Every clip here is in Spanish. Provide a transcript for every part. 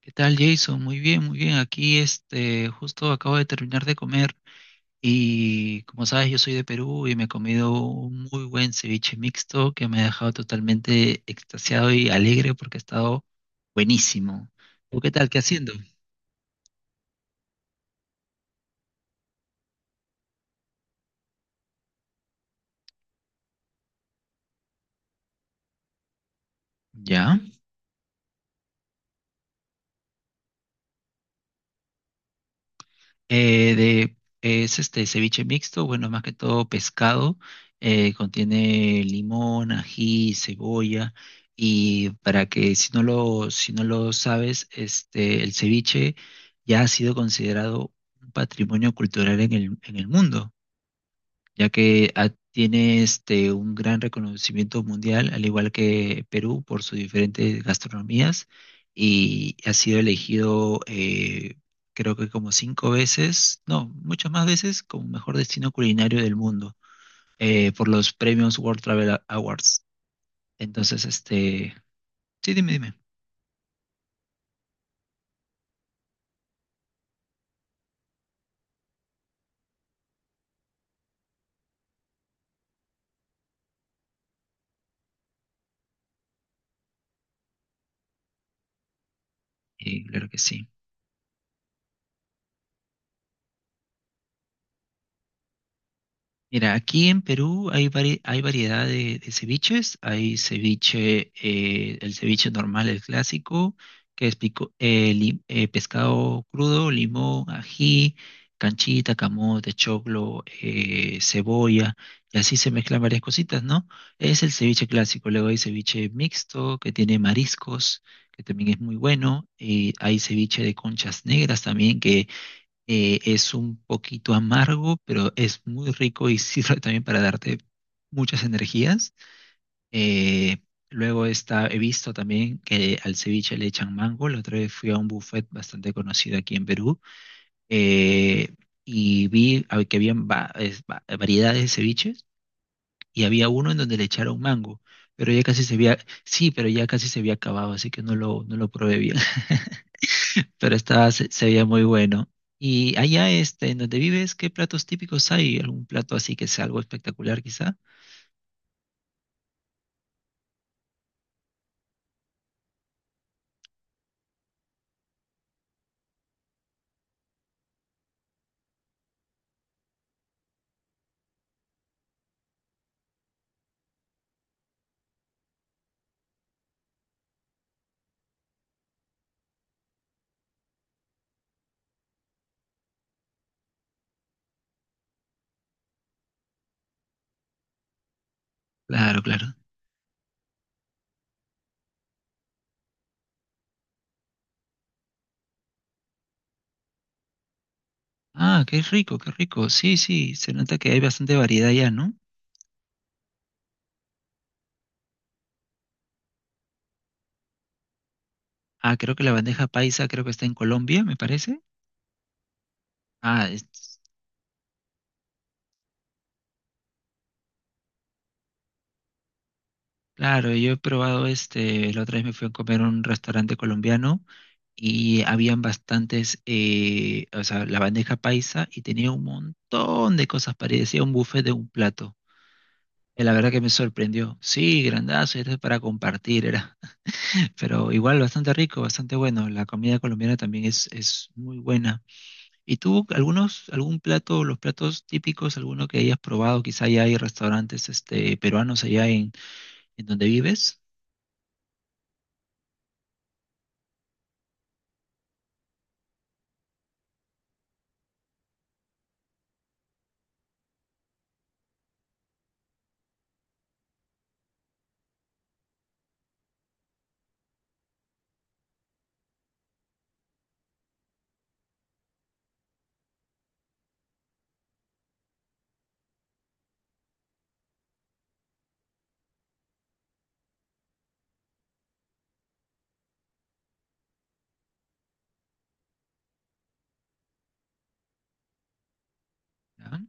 ¿Qué tal, Jason? Muy bien, muy bien. Aquí, justo acabo de terminar de comer y, como sabes, yo soy de Perú y me he comido un muy buen ceviche mixto que me ha dejado totalmente extasiado y alegre porque ha estado buenísimo. ¿Tú qué tal? ¿Qué haciendo? ¿Ya? Eh, de, es este ceviche mixto, bueno, más que todo pescado, contiene limón, ají, cebolla, y para que si no lo sabes, el ceviche ya ha sido considerado un patrimonio cultural en el mundo ya que tiene un gran reconocimiento mundial, al igual que Perú, por sus diferentes gastronomías, y ha sido elegido creo que como cinco veces, no, muchas más veces, como mejor destino culinario del mundo, por los premios World Travel Awards. Entonces, sí, dime, dime. Claro que sí. Mira, aquí en Perú hay, hay variedad de ceviches. Hay ceviche, el ceviche normal, el clásico, que es pescado crudo, limón, ají, canchita, camote, choclo, cebolla, y así se mezclan varias cositas, ¿no? Es el ceviche clásico. Luego hay ceviche mixto, que tiene mariscos, que también es muy bueno. Y hay ceviche de conchas negras también, es un poquito amargo, pero es muy rico y sirve también para darte muchas energías. Eh, luego está, he visto también que al ceviche le echan mango. La otra vez fui a un buffet bastante conocido aquí en Perú eh, y que habían variedades de ceviches y había uno en donde le echaron mango, pero sí, pero ya casi se había acabado, así que no lo probé bien. Pero estaba, se veía muy bueno. Y allá, en donde vives, ¿qué platos típicos hay? ¿Algún plato así que sea algo espectacular, quizá? Claro, claro. Ah, qué rico, qué rico. Sí, sí, se nota que hay bastante variedad allá, ¿no? Ah, creo que la bandeja paisa creo que está en Colombia, me parece. Ah, es- claro, yo he probado la otra vez me fui a comer a un restaurante colombiano y habían bastantes, o sea, la bandeja paisa y tenía un montón de cosas, parecía un buffet de un plato. La verdad que me sorprendió. Sí, grandazo, era para compartir, era. Pero igual bastante rico, bastante bueno. La comida colombiana también es muy buena. ¿Y tú, algún plato, los platos típicos, alguno que hayas probado? Quizá ya hay restaurantes peruanos en donde vives. ¿Ya?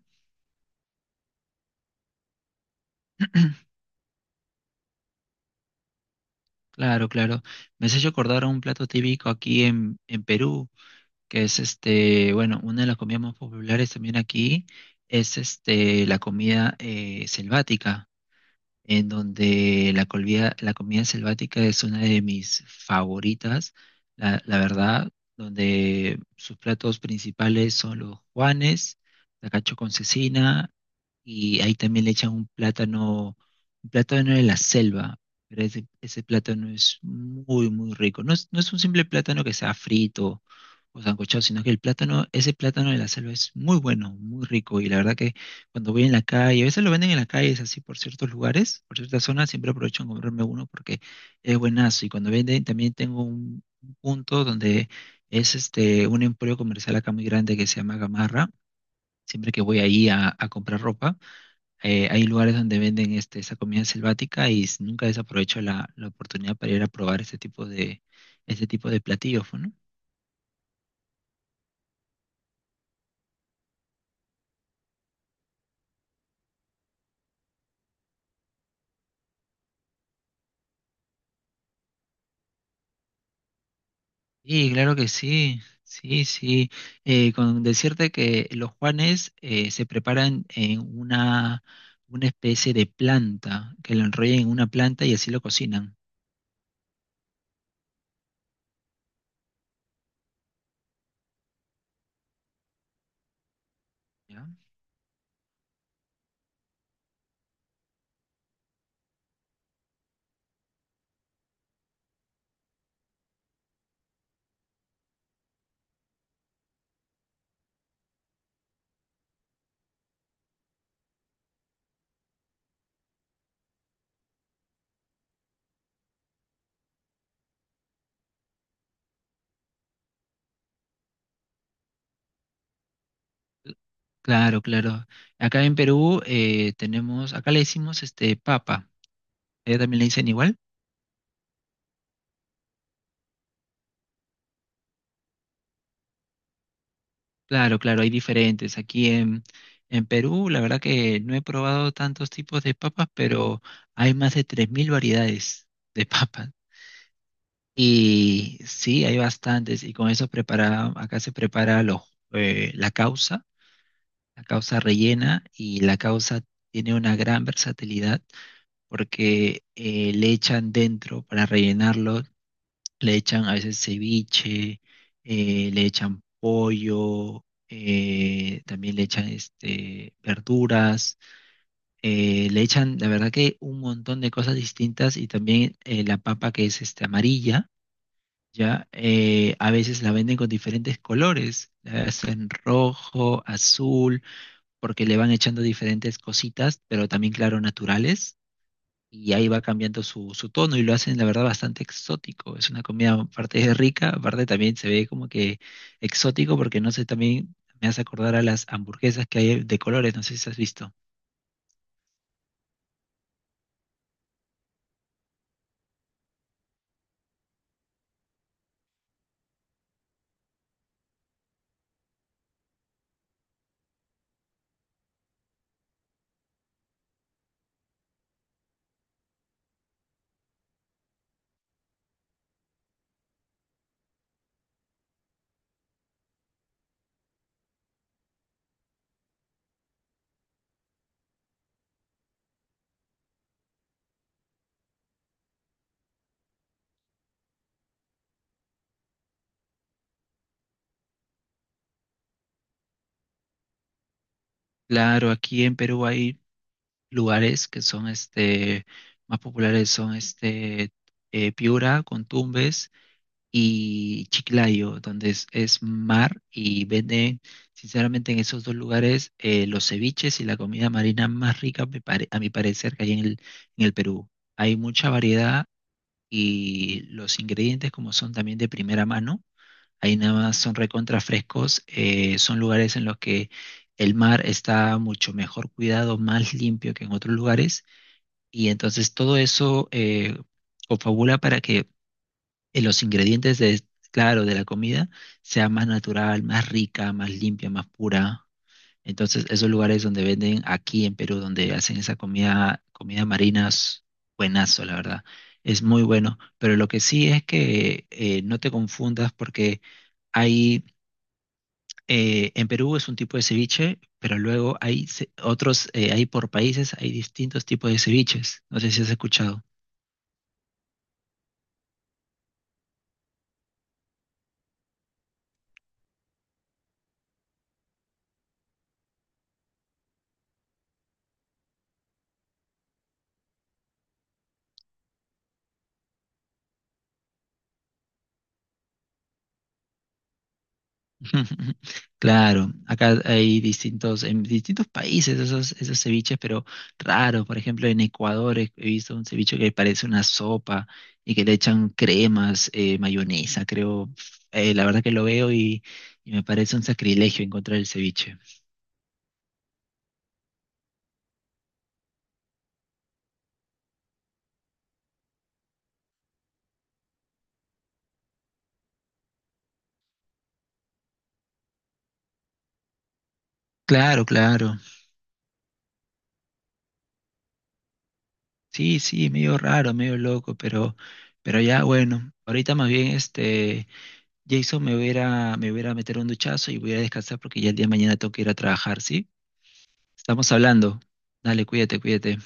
Claro, claro. Me has hecho acordar a un plato típico en Perú, que es bueno, una de las comidas más populares también aquí es la comida selvática. En donde la comida selvática es una de mis favoritas, la verdad, donde sus platos principales son los juanes, la cacho con cecina, y ahí también le echan un plátano de la selva, pero ese plátano es muy, muy rico. No es un simple plátano que sea frito o sancochado, sino que el plátano, ese plátano de la selva es muy bueno, muy rico, y la verdad que cuando voy en la calle, a veces lo venden en la calle, es así por ciertos lugares, por ciertas zonas, siempre aprovecho en comprarme uno porque es buenazo. Y cuando venden, también tengo un punto donde es un emporio comercial acá muy grande que se llama Gamarra. Siempre que voy ahí a comprar ropa, hay lugares donde venden esa comida selvática y nunca desaprovecho la oportunidad para ir a probar este tipo de platillos, pues, ¿no? Sí, claro que sí, sí, sí. Con decirte que los Juanes se preparan en una especie de planta, que lo enrollan en una planta y así lo cocinan. ¿Ya? Claro, claro. Acá en Perú tenemos, acá le decimos este papa. ¿Ella también le dicen igual? Claro, claro, hay diferentes. En Perú, la verdad que no he probado tantos tipos de papas, pero hay más de 3000 variedades de papas. Y sí, hay bastantes. Y con eso prepara, acá se prepara eh, la causa, la causa rellena y la causa tiene una gran versatilidad porque le echan dentro para rellenarlo, le echan a veces ceviche, le echan pollo, también le echan verduras, le echan, la verdad que un montón de cosas distintas y también la papa que es amarilla ya, a veces la venden con diferentes colores, la hacen rojo, azul, porque le van echando diferentes cositas, pero también, claro, naturales, y ahí va cambiando su tono y lo hacen, la verdad, bastante exótico. Es una comida, aparte es rica, aparte también se ve como que exótico, porque no sé, también me hace acordar a las hamburguesas que hay de colores, no sé si has visto. Claro, aquí en Perú hay lugares que son, más populares, son, Piura, Tumbes y Chiclayo, donde es mar y venden, sinceramente, en esos dos lugares los ceviches y la comida marina más rica, a mi parecer, que hay en el Perú. Hay mucha variedad y los ingredientes, como son también de primera mano, ahí nada más son recontra frescos, son lugares en los que el mar está mucho mejor cuidado, más limpio que en otros lugares, y entonces todo eso confabula para que eh, los ingredientes de, claro, de la comida sea más natural, más rica, más limpia, más pura. Entonces, esos lugares donde venden aquí en Perú, donde hacen esa comida, comida marina, es buenazo, la verdad. Es muy bueno. Pero lo que sí es que no te confundas porque hay, en Perú es un tipo de ceviche, pero luego hay hay por países, hay distintos tipos de ceviches. No sé si has escuchado. Claro, acá hay distintos, en distintos países esos ceviches, pero raros. Por ejemplo, en Ecuador he visto un ceviche que parece una sopa y que le echan cremas, mayonesa, creo. La verdad que lo veo y me parece un sacrilegio encontrar el ceviche. Claro, claro. Sí, sí, medio raro, medio loco, pero ya bueno. Ahorita más bien Jason, me voy a ir a meter un duchazo y voy a descansar porque ya el día de mañana tengo que ir a trabajar, ¿sí? Estamos hablando. Dale, cuídate, cuídate.